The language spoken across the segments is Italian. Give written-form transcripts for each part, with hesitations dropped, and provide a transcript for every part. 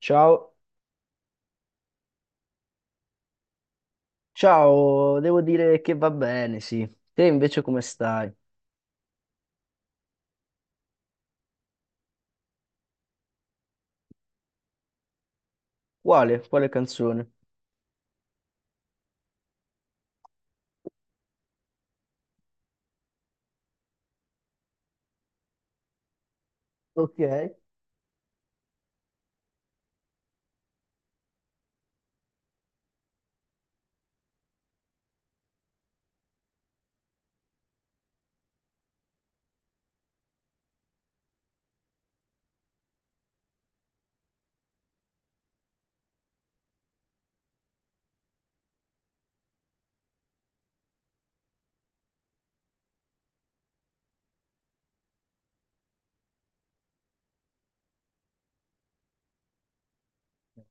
Ciao, ciao, devo dire che va bene, sì. Te invece come stai? Quale? Quale canzone? Ok.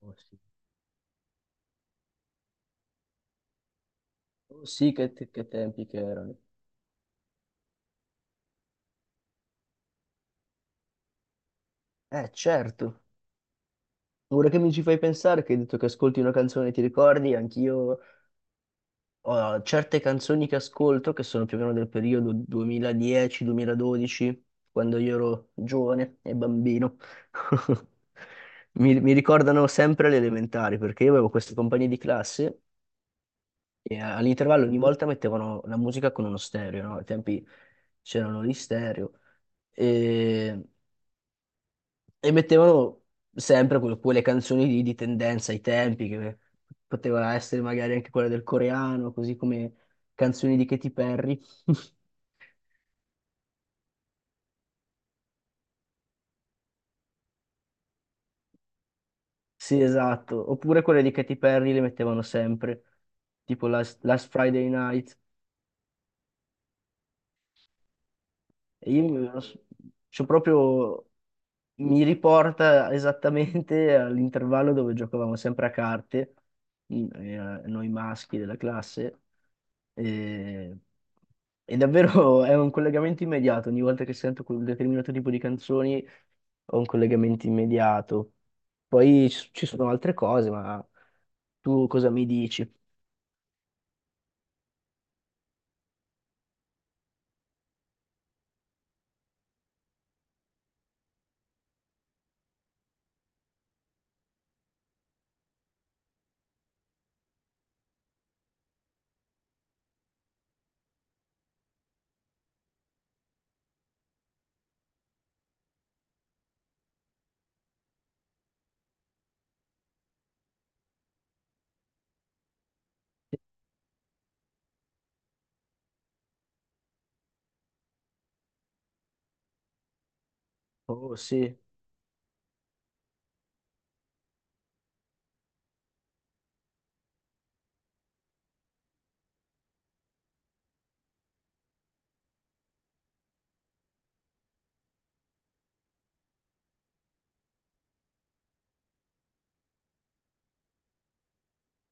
Oh sì, oh, sì, che, che tempi che erano. Certo. Ora che mi ci fai pensare, che hai detto che ascolti una canzone e ti ricordi, anch'io ho certe canzoni che ascolto che sono più o meno del periodo 2010-2012, quando io ero giovane e bambino. Mi ricordano sempre le elementari, perché io avevo queste compagnie di classe. E all'intervallo ogni volta mettevano la musica con uno stereo, no? Ai tempi c'erano gli stereo, e, e mettevano sempre quelle canzoni lì di tendenza ai tempi, che poteva essere magari anche quella del coreano, così come canzoni di Katy Perry. Sì, esatto. Oppure quelle di Katy Perry le mettevano sempre, tipo Last Friday Night. Io non so- Cioè, proprio mi riporta esattamente all'intervallo dove giocavamo sempre a carte, noi maschi della classe, e, e davvero è un collegamento immediato, ogni volta che sento quel determinato tipo di canzoni ho un collegamento immediato. Poi ci sono altre cose, ma tu cosa mi dici? Oh sì,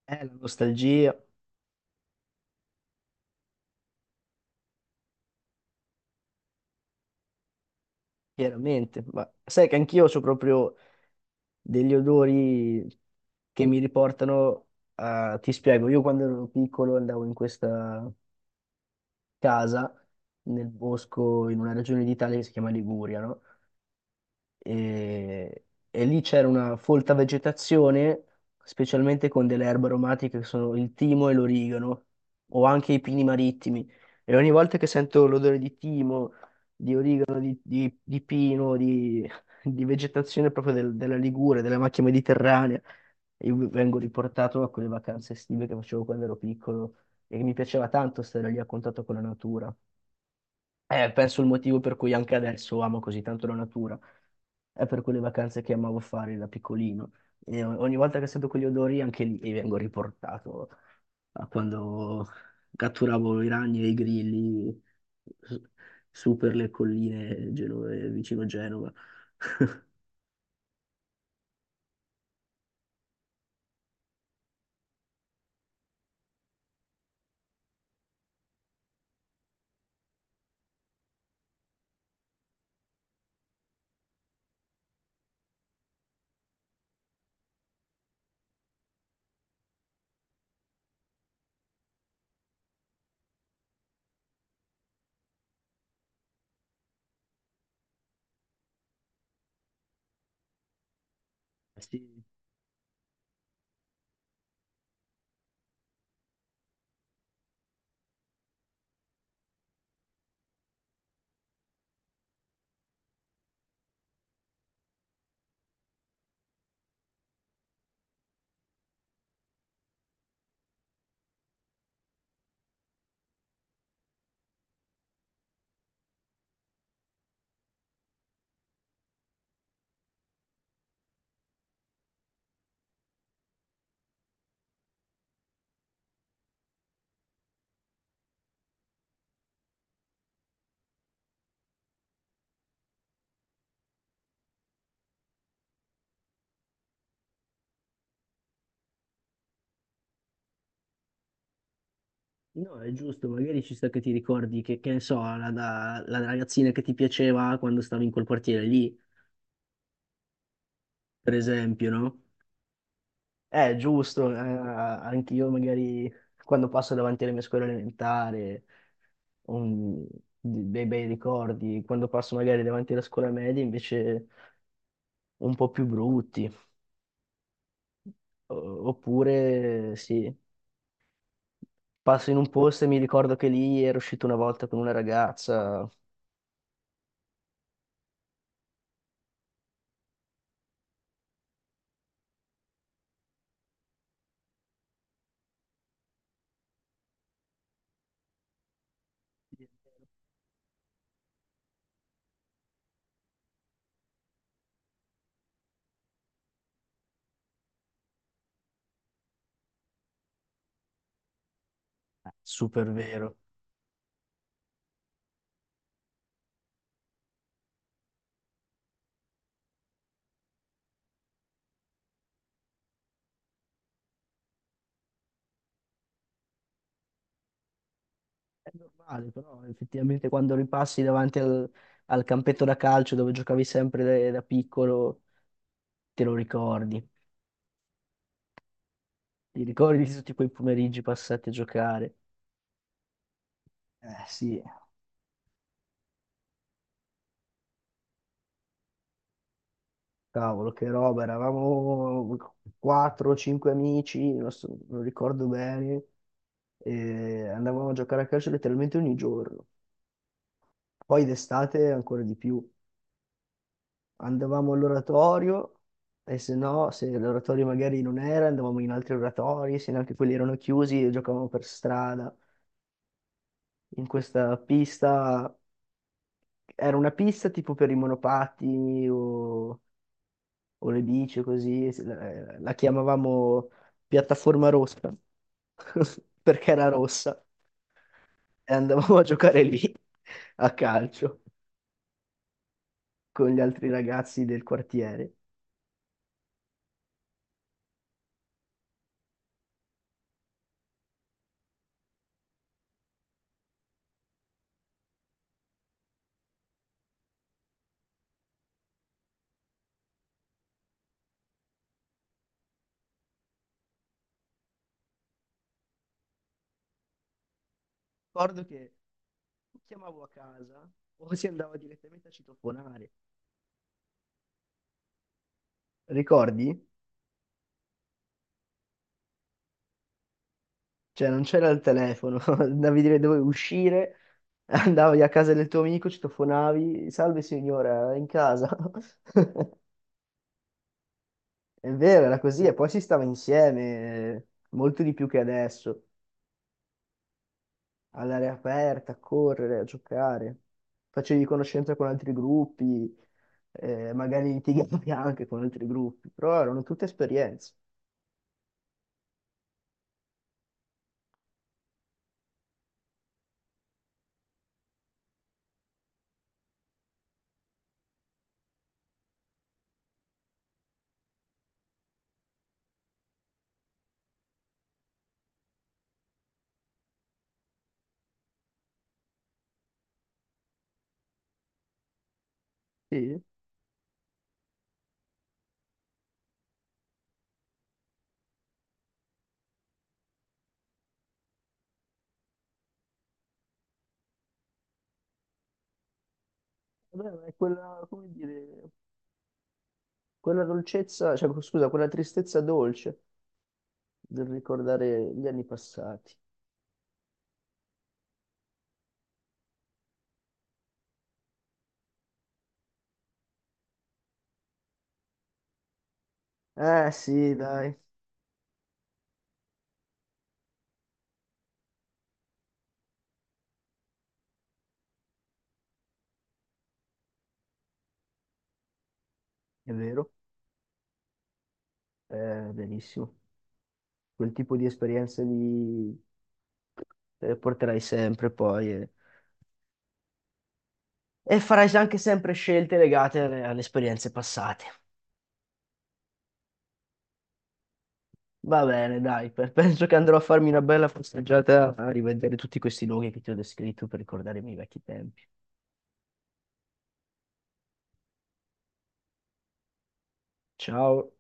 è la nostalgia, chiaramente, ma sai che anch'io ho proprio degli odori che mi riportano a. Ti spiego, io quando ero piccolo andavo in questa casa nel bosco in una regione d'Italia che si chiama Liguria, no? e, e lì c'era una folta vegetazione, specialmente con delle erbe aromatiche che sono il timo e l'origano, o anche i pini marittimi. E ogni volta che sento l'odore di timo, di origano, di pino, di vegetazione proprio della Ligure, della macchia mediterranea, io vengo riportato a quelle vacanze estive che facevo quando ero piccolo e mi piaceva tanto stare lì a contatto con la natura. È penso il motivo per cui anche adesso amo così tanto la natura. È per quelle vacanze che amavo fare da piccolino. E ogni volta che sento quegli odori, anche lì e vengo riportato a quando catturavo i ragni e i grilli su su per le colline genove, vicino Genova. Sì. No, è giusto, magari ci sta che ti ricordi che ne so, la ragazzina che ti piaceva quando stavi in quel quartiere lì, per esempio, no? Giusto, anch'io magari quando passo davanti alle mie scuole elementari ho dei bei ricordi, quando passo magari davanti alla scuola media invece un po' più brutti. Oppure sì, passo in un posto e mi ricordo che lì ero uscito una volta con una ragazza, super vero. È normale, però effettivamente quando ripassi davanti al, al campetto da calcio dove giocavi sempre da piccolo, te lo ricordi. Ti ricordi di tutti quei pomeriggi passati a giocare? Eh sì, cavolo, che roba, eravamo 4-5 amici, non ricordo bene, e andavamo a giocare a calcio letteralmente ogni giorno. Poi d'estate ancora di più. Andavamo all'oratorio e se no, se l'oratorio magari non era, andavamo in altri oratori, se neanche quelli erano chiusi e giocavamo per strada. In questa pista, era una pista tipo per i monopatti o le bici così, la chiamavamo piattaforma rossa, perché era rossa, e andavamo a giocare lì a calcio con gli altri ragazzi del quartiere. Ricordo che o chiamavo a casa o si andava direttamente a citofonare. Ricordi? Cioè non c'era il telefono, andavi dire dove uscire, andavi a casa del tuo amico, citofonavi, salve signora, è in casa. È vero, era così, e poi si stava insieme, molto di più che adesso, all'aria aperta, a correre, a giocare, facevi conoscenza con altri gruppi, magari litigavi anche con altri gruppi, però erano tutte esperienze. Sì. Vabbè, ma è quella, come dire, quella dolcezza, cioè scusa, quella tristezza dolce del ricordare gli anni passati. Eh sì, dai, è vero, è verissimo. Quel tipo di esperienze lì te le porterai sempre poi. E farai anche sempre scelte legate alle esperienze passate. Va bene, dai, penso che andrò a farmi una bella passeggiata a rivedere tutti questi luoghi che ti ho descritto per ricordare i miei vecchi tempi. Ciao.